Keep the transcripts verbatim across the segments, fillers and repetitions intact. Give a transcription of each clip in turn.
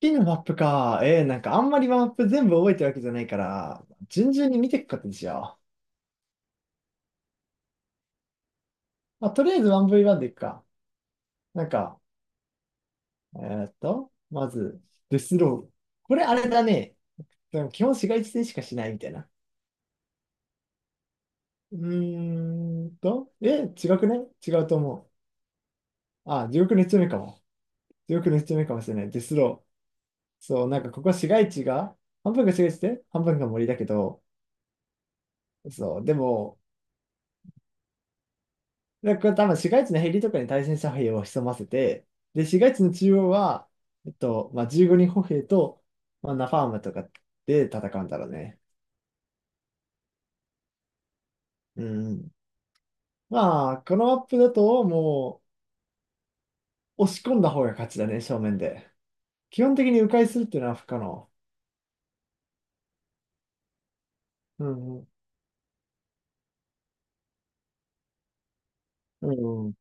P のマップか。えー、なんかあんまりマップ全部覚えてるわけじゃないから、順々に見ていくことにしよう。まあ、とりあえず ワンブイワン でいくか。なんか、えーっと、まず、デスロー。これあれだね。でも基本市街地戦しかしないみたいな。うーんと、え、違くね、違うと思う。あ、地獄の一丁目かも。地獄の一丁目かもしれない。デスロー。そう、なんかここは市街地が、半分が市街地で、半分が森だけど、そう、でも、で、これ多分市街地のヘリとかに対戦車兵を潜ませて、で、市街地の中央は、えっと、まあ、じゅうごにん歩兵と、まあ、ナファームとかで戦うんだろうね。うんうん。まあ、このマップだと、もう、押し込んだ方が勝ちだね、正面で。基本的に迂回するっていうのは不可能。うんうん。うんうん。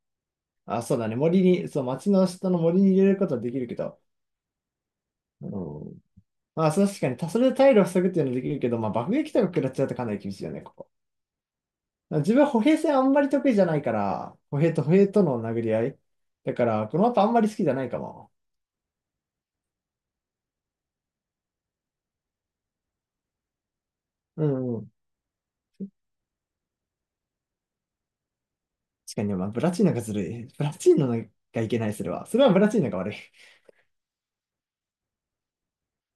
あ、そうだね。森に、そう、町の下の森に入れることはできるけど。うん。まあ、そう確かに、たそれで退路を塞ぐっていうのはできるけど、まあ、爆撃とか食らっちゃうとかなり厳しいよね、ここ。自分は歩兵戦あんまり得意じゃないから、歩兵と歩兵との殴り合い。だから、この後あんまり好きじゃないかも。うんうん。確かにね、まあ、ブラチーナがずるい。ブラチーナがいけない、それは。それはブラチーナが悪い。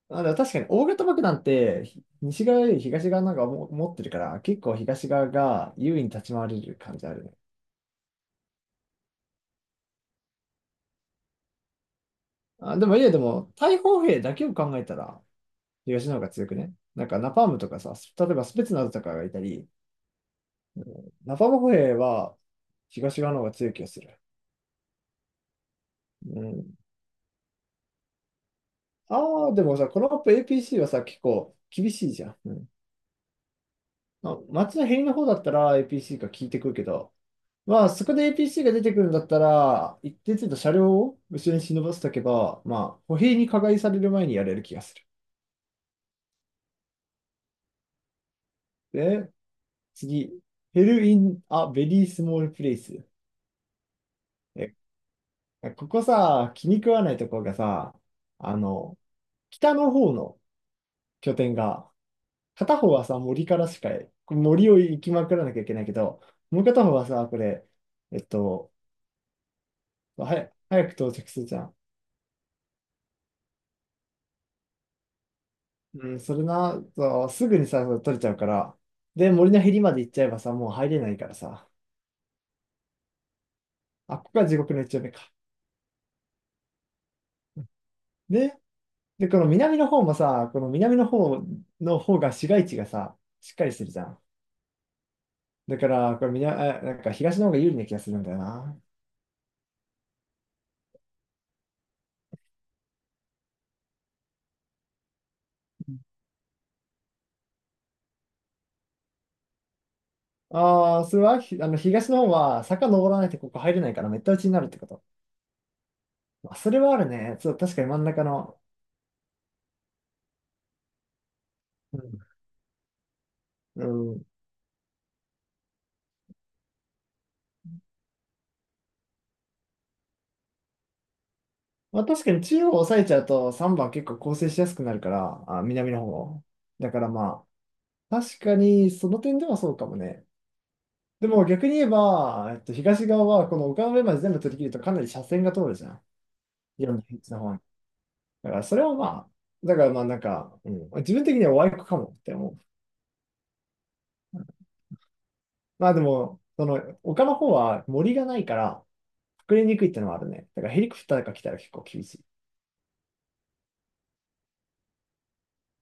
あ、でも確かに、大型爆弾って、ひ西側より東側なんかも持ってるから、結構東側が優位に立ち回れる感じあるね。あ、でもいや、でも、大砲兵だけを考えたら、東の方が強くね。なんか、ナパームとかさ、例えばスペツナズとかがいたり、ナパーム歩兵は東側の方が強い気がする。うん。ああ、でもさ、このマップ エーピーシー はさ、結構厳しいじゃん。うん。あ、街のへりの方だったら エーピーシー が効いてくるけど、まあ、そこで エーピーシー が出てくるんだったら、一定程度車両を後ろに忍ばせておけば、まあ、歩兵に加害される前にやれる気がする。で、次、ヘルイン・ア・ベリー・スモール・プレイス。え、ここさ、気に食わないところがさ、あの、北の方の拠点が片方はさ、森からしか、これ森を行きまくらなきゃいけないけど、もう片方はさ、これ、えっと、はや、早く到着するじゃん。うん、それな、そうすぐにさ、取れちゃうから。で、森のへりまで行っちゃえばさ、もう入れないからさ。あ、ここが地獄の一丁目か。で、で、この南の方もさ、この南の方の方が市街地がさ、しっかりしてるじゃん。だから、これ南、あなんか東の方が有利な気がするんだよな。ああ、それは、ひあの、東の方は坂登らないとここ入れないからめった打ちになるってこと。まあそれはあるね。そう、確かに真ん中の。うん。うん。まあ確かに中央を抑えちゃうとさんばん結構構成しやすくなるから、あ、南の方。だからまあ、確かにその点ではそうかもね。でも逆に言えば、えっと、東側はこの丘の上まで全部取り切るとかなり斜線が通るじゃん。よんよんじゅういちの方に。だからそれはまあ、だからまあなんか、うん、自分的にはワイコかもって思う。まあでも、その丘の方は森がないから、隠れにくいってのはあるね。だからヘリコプターが来たら結構厳しい。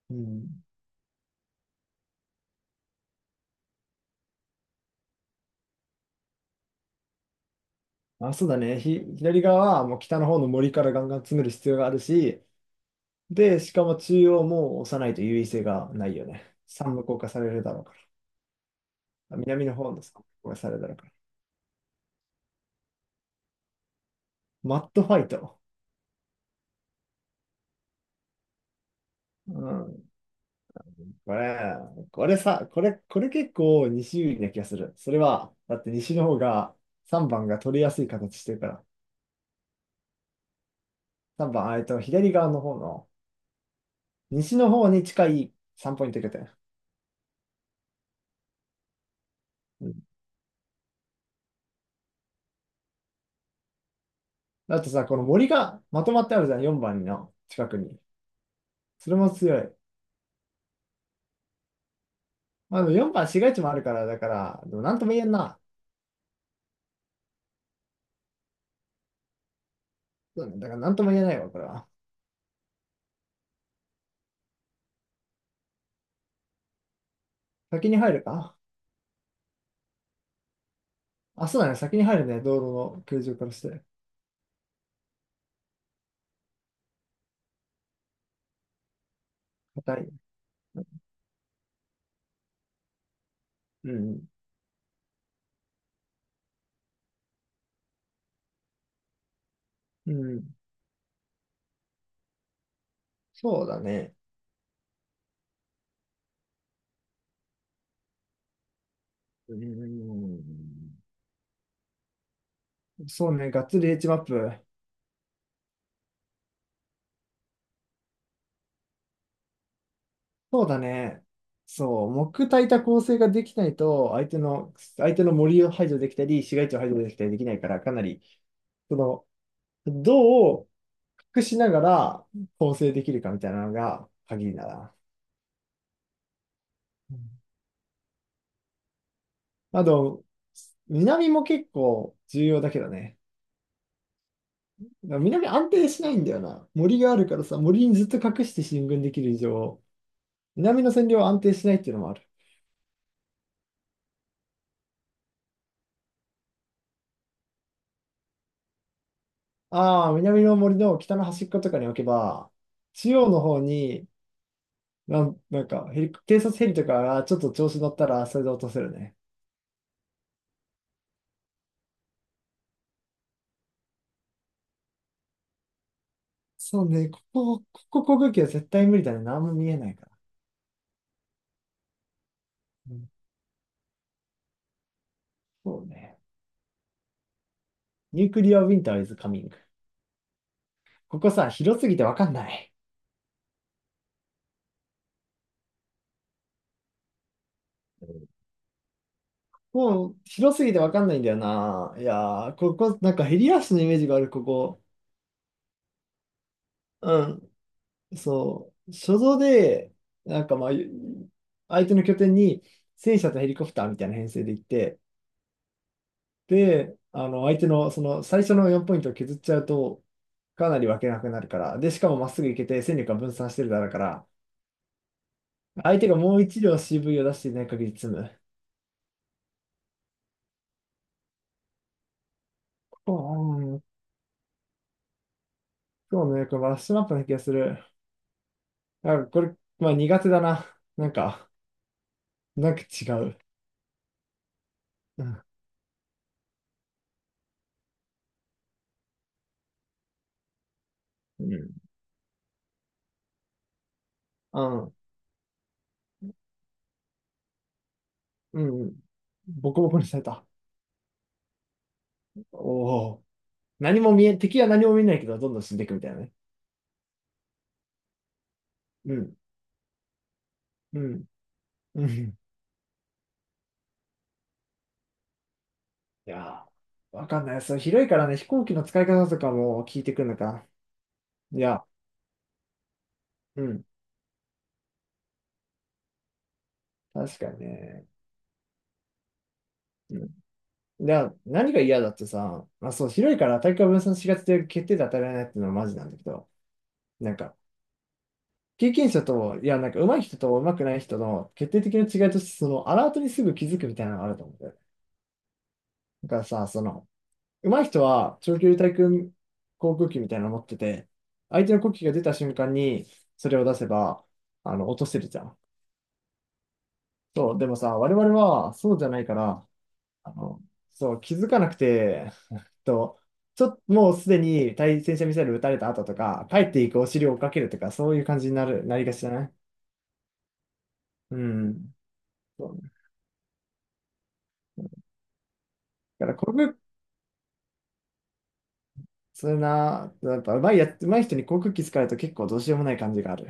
うん。あ、そうだね。ひ、左側はもう北の方の森からガンガン詰める必要があるし、で、しかも中央も押さないと優位性がないよね。三無効化されるだろうから。南の方の三無効化されるだろうから。マットファイト。うん。これ、これさ、これ、これ結構西有利な気がする。それは、だって西の方がさんばんが取りやすい形してるから。さんばん、あえっと、左側の方の、西の方に近いさんポイントいけて。うん。あとさ、この森がまとまってあるじゃん、よんばんの近くに。それも強い。まあ、でもよんばん市街地もあるから、だから、でもなんとも言えんな。そうね、だからなんとも言えないわ、これは。先に入るかあ、そうだね、先に入るね、道路の形状からして。硬い。うん、うん、そうだね。うん、そうね、がっつり H マップ。そうだね。そう、木焚いた構成ができないと、相手の、相手の森を排除できたり、市街地を排除できたりできないから、かなり、その、どう隠しながら構成できるかみたいなのが鍵だな。うん。あと、南も結構重要だけどね。南安定しないんだよな。森があるからさ、森にずっと隠して進軍できる以上、南の占領は安定しないっていうのもある。ああ、南の森の北の端っことかに置けば、中央の方に、なんなんかヘリ、偵察ヘリとかがちょっと調子乗ったら、それで落とせるね。そうね、ここ、ここ航空機は絶対無理だね。何も見えないから。うん。そうね。ニュークリアウィンターイズカミング。ここさ、広すぎてわかんない。もう広すぎてわかんないんだよな。いやー、ここ、なんかヘリアスのイメージがある、ここ。うん。そう。所蔵で、なんかまあ、相手の拠点に戦車とヘリコプターみたいな編成で行って、で、あの、相手のその最初のよんポイントを削っちゃうと、かなり分けなくなるから。で、しかもまっすぐ行けて戦力が分散してるだろうから、相手がもう一両 シーブイ を出していない限り積む。こう、うん、そうね、これラッシュマップな気がする。あ、これ、まあ苦手だな。なんか。なんか違う。うん。うん。あ、うん。ボコボコにされた。おお。何も見え、敵は何も見えないけど、どんどん死んでいくみたいなね。うん。うん。うん。いやー、わかんない。そう、広いからね、飛行機の使い方とかも聞いてくるのか。いや、うん。確かにね。うん。いや、何が嫌だってさ、まあそう、広いから大会分散しがちで決定で当たられないっていうのはマジなんだけど、なんか、経験者と、いや、なんか上手い人と上手くない人の決定的な違いとして、そのアラートにすぐ気づくみたいなのがあると思う。だからさ、その、上手い人は長距離対空航空機みたいなの持ってて、相手の国旗が出た瞬間にそれを出せば、あの、落とせるじゃん。そう、でもさ、我々はそうじゃないから、あの、そう、気づかなくて、と、ちょっと、もうすでに対戦車ミサイル撃たれた後とか、帰っていくお尻を追っかけるとか、そういう感じになる、なりがちじゃない。うん。そう、だから、航空、それな、やっぱ上手いや、上手い人に航空機使うと結構どうしようもない感じがある。